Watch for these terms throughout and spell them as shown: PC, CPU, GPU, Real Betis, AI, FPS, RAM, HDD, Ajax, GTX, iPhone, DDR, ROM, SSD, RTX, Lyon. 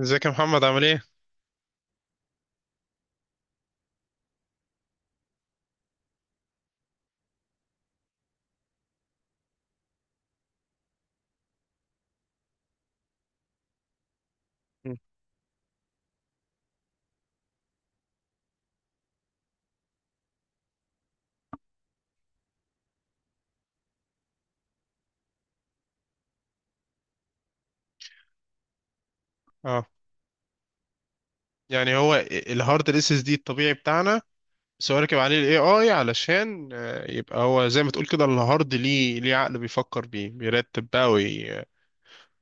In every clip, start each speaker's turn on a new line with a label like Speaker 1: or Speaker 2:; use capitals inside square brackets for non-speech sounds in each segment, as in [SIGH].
Speaker 1: ازيك يا محمد، عامل ايه؟ مم. اه، يعني هو الهارد الاس اس دي الطبيعي بتاعنا، بس هو راكب عليه الاي اي علشان يبقى هو زي ما تقول كده الهارد ليه عقل بيفكر بيه، بيرتب بقى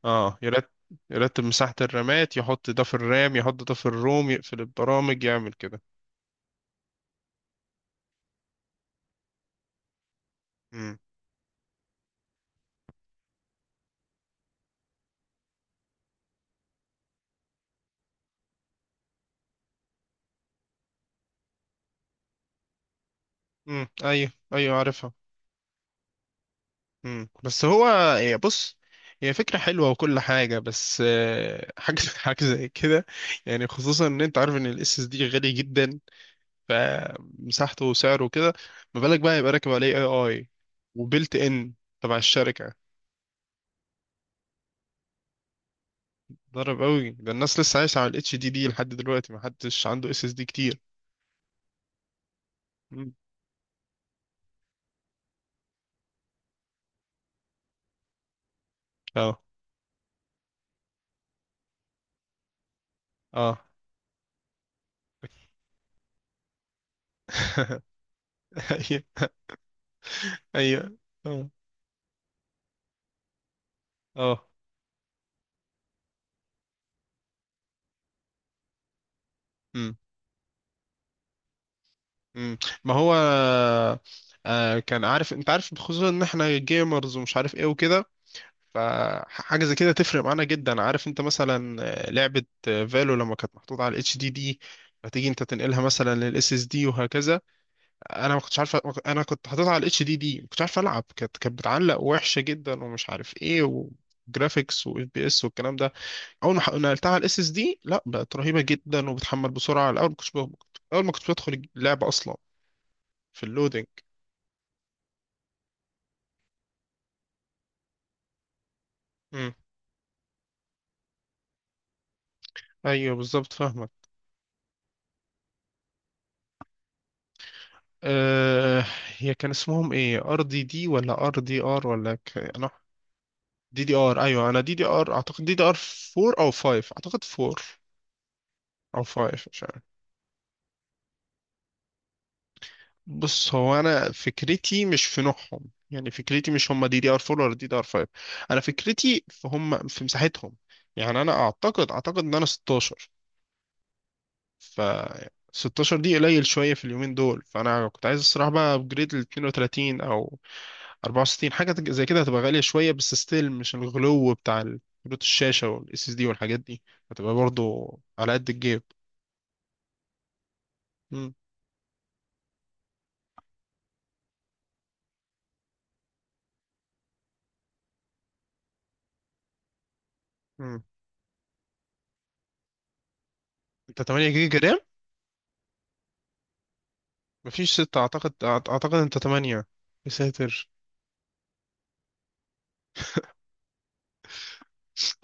Speaker 1: اه، يرتب مساحة الرامات، يحط ده في الرام يحط ده في الروم، يقفل البرامج، يعمل كده. امم ايوه ايوه، عارفها. بس هو، هي بص هي فكرة حلوة وكل حاجة، بس حاجة [LAUGHS] حاجة زي كده. يعني خصوصا ان انت عارف ان الاس اس دي غالي جدا، فمساحته وسعره كده، ما بالك بقى يبقى راكب عليه اي اي وبيلت ان تبع الشركه. ضرب قوي، ده الناس لسه عايشه على الاتش دي دي لحد دلوقتي، ما حدش عنده اس اس دي كتير. مم. اه. اه [LAUGHS] ايوه ايوه. اه. اه. مم. مم. ما هو كان عارف، انت عارف خصوصا ان احنا جيمرز ومش عارف ايه وكده، فحاجه زي كده تفرق معانا جدا. عارف انت مثلا، لعبه فالو، لما كانت محطوطه على الاتش دي دي، فتيجي انت تنقلها مثلا للاس اس دي وهكذا. انا ما كنتش عارف، انا كنت حاططها على الاتش دي دي، ما كنتش عارف العب، كانت بتعلق وحشه جدا ومش عارف ايه، وجرافيكس واف بي اس والكلام ده. اول ما نقلتها على الاس اس دي، لا بقت رهيبه جدا، وبتحمل بسرعه. الاول ما كنتش ب- اول ما كنت بدخل اللعبه اصلا، في اللودنج. امم. ايوه بالظبط، فاهمك. أه. هي كان اسمهم ايه، ار دي دي ولا ار دي ار ولا انا، دي دي ار، ايوه، انا دي دي ار، اعتقد دي دي ار 4 او 5، اعتقد 4 او 5 مش عارف. بص هو انا فكرتي مش في نوعهم، يعني فكرتي مش هم دي دي ار 4 ولا دي دي ار 5، انا فكرتي في هم في مساحتهم. يعني انا اعتقد ان انا 16. ف 16 دي قليل شويه في اليومين دول، فانا كنت عايز الصراحه بقى ابجريد ل 32 او 64. حاجة زي كده هتبقى غالية شوية، بس ستيل مش الغلو بتاع كروت الشاشة والاس اس دي والحاجات دي، هتبقى برضو على قد الجيب. مم. مم. انت 8 جيجا رام؟ مفيش 6، اعتقد اعتقد انت 8. يا ساتر.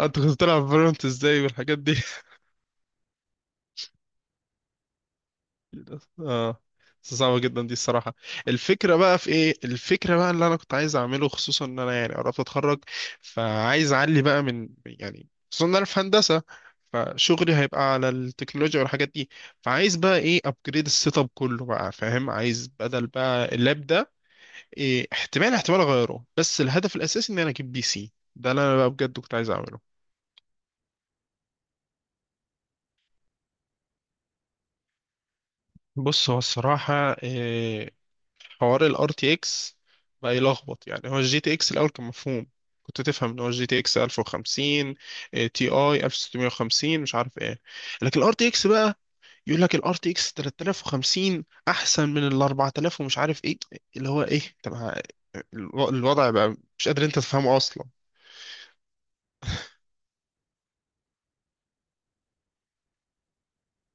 Speaker 1: انت كنت بتلعب فالورانت ازاي والحاجات دي؟ اه، بس صعبة جدا دي الصراحة. الفكرة بقى في ايه، الفكرة بقى اللي انا كنت عايز اعمله، خصوصا ان انا يعني قربت اتخرج، فعايز اعلي بقى من، يعني خصوصا ان انا في هندسة، فشغلي هيبقى على التكنولوجيا والحاجات دي، فعايز بقى ايه، ابجريد السيت اب كله بقى، فاهم؟ عايز بدل بقى اللاب ده، إيه، احتمال احتمال اغيره، بس الهدف الاساسي ان انا اجيب بي سي، ده اللي انا بقى بجد كنت عايز اعمله. بص هو الصراحة آه، حوار ال RTX بقى يلخبط. يعني هو ال GTX الأول كان مفهوم، كنت تفهم ان هو ال GTX 1050 تي اي 1650 مش عارف ايه، لكن ال RTX بقى يقول لك ال RTX 3050 احسن من ال 4000 ومش عارف ايه، اللي هو ايه؟ طب الوضع بقى مش قادر انت تفهمه اصلا.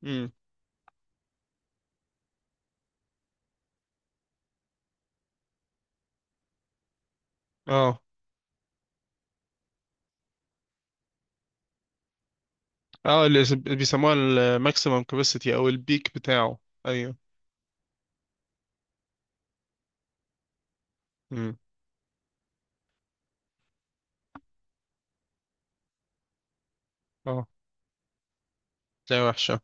Speaker 1: امم. اه. اه، اللي بيسموها الماكسيمم كاباسيتي او البيك بتاعه. ايوه. امم. اه. ده وحشه.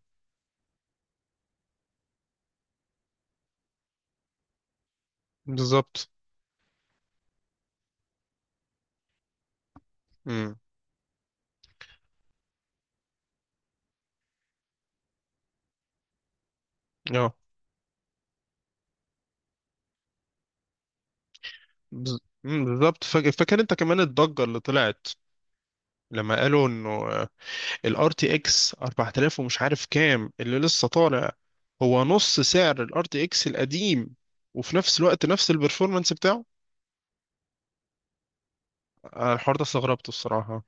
Speaker 1: بالظبط. امم. بالظبط. فاكر انت كمان الضجة اللي طلعت، لما قالوا انه الار تي اكس 4000 ومش عارف كام اللي لسه طالع، هو نص سعر الار تي اكس القديم وفي نفس الوقت نفس البرفورمانس بتاعه. الحوار ده استغربته الصراحة.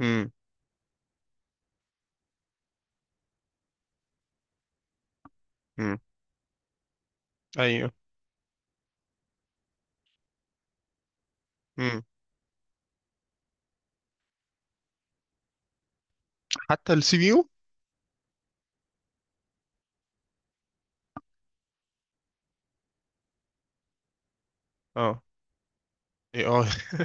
Speaker 1: امم. امم. ايوه. امم. حتى السي بي يو. اه. ايه. اه [LAUGHS]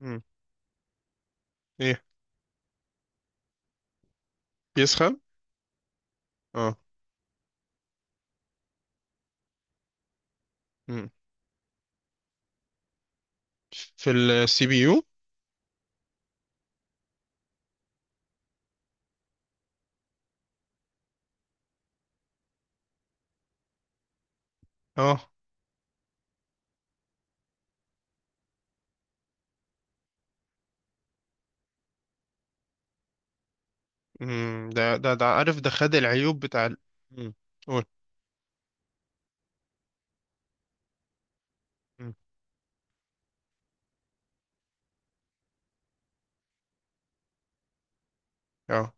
Speaker 1: امم. ايه، بيسخن. اه. امم. في السي بي يو. اه. امم. ده ده عارف، ده خد العيوب بتاع امم. قول. امم. اه.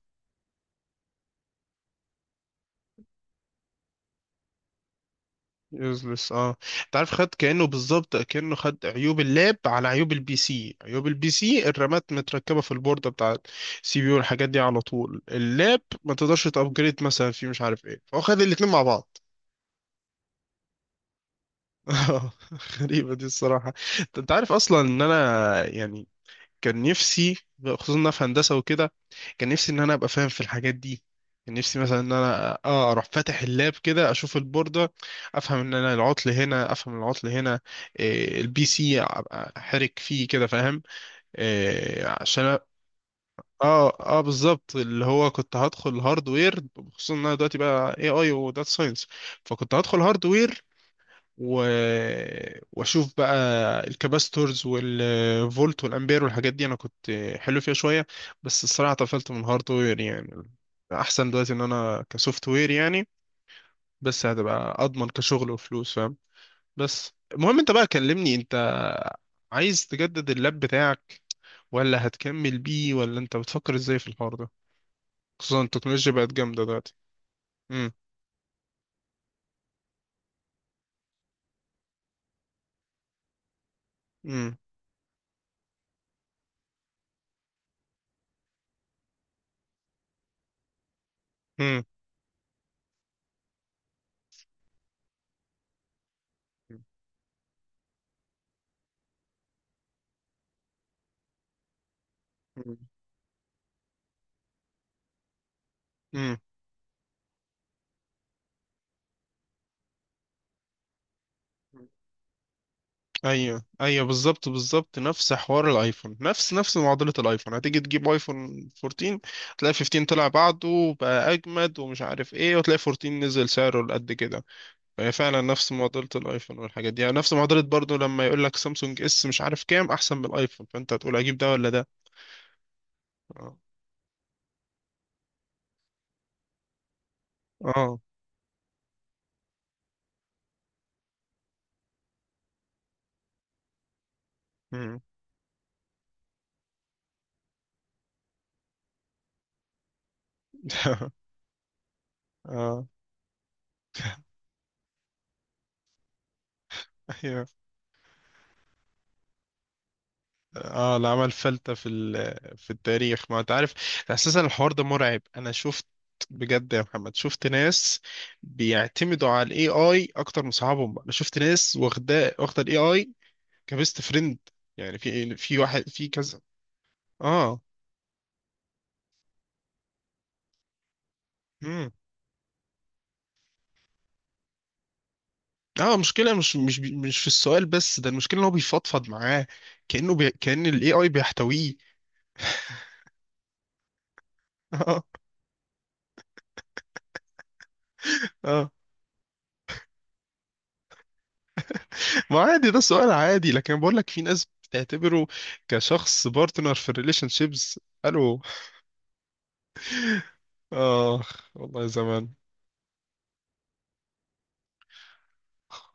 Speaker 1: يوزلس، اه. انت عارف، خد كأنه بالظبط، كأنه خد عيوب اللاب على عيوب البي سي. عيوب البي سي الرامات متركبة في البوردة بتاع السي بي يو والحاجات دي على طول، اللاب ما تقدرش تأبجريد مثلا فيه مش عارف ايه، فهو خد الاتنين مع بعض. [LAUGHS] غريبة دي الصراحة. انت عارف اصلا ان انا يعني، كان نفسي، خصوصا في هندسة وكده، كان نفسي ان انا ابقى فاهم في الحاجات دي. كان نفسي مثلا ان انا اه اروح فاتح اللاب كده، اشوف البوردة، افهم ان انا العطل هنا، افهم العطل هنا، إيه. البي سي ابقى حرك فيه كده، فاهم، إيه عشان. اه. اه بالظبط، اللي هو كنت هدخل هاردوير، خصوصا ان انا دلوقتي بقى اي اي وداتا ساينس، فكنت هدخل هاردوير و... واشوف بقى الكاباستورز والفولت والامبير والحاجات دي. انا كنت حلو فيها شويه، بس الصراحه طفلت من هاردوير يعني. احسن دلوقتي ان انا كسوفت وير، يعني بس هتبقى اضمن كشغل وفلوس، فاهم. بس المهم، انت بقى كلمني، انت عايز تجدد اللاب بتاعك ولا هتكمل بيه، ولا انت بتفكر ازاي في الحوار ده، خصوصا التكنولوجيا بقت جامده دلوقتي. امم. امم. امم. امم. ايوه ايوه، بالظبط نفس حوار الايفون، نفس معضله الايفون. هتيجي تجيب ايفون 14، تلاقي 15 طلع بعده وبقى اجمد ومش عارف ايه، وتلاقي 14 نزل سعره لقد كده. فهي فعلا نفس معضله الايفون والحاجات دي، يعني نفس معضله برضو لما يقول لك سامسونج اس مش عارف كام احسن من الايفون، فانت هتقول اجيب ده ولا ده. اه. اه. مم. [LAUGHS] اه. ايوه. اه، اللي عمل فلتة في في التاريخ، ما انت عارف اساسا. الحوار ده مرعب، انا شفت بجد يا محمد، شفت ناس بيعتمدوا على الاي اي اكتر من صحابهم. انا شفت ناس واخده الاي اي كبيست فريند، يعني في واحد في كذا. اه. امم. اه، المشكله مش في السؤال بس، ده المشكله ان هو بيفضفض معاه، كانه كان الاي اي بيحتويه. [LAUGHS] اه. اه ما عادي، ده سؤال عادي، لكن بقول لك في ناس بتعتبره كشخص بارتنر في الريليشن شيبس. الو؟ اخ والله زمان.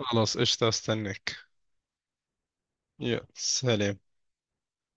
Speaker 1: خلاص، قشطة، استناك. يا سلام.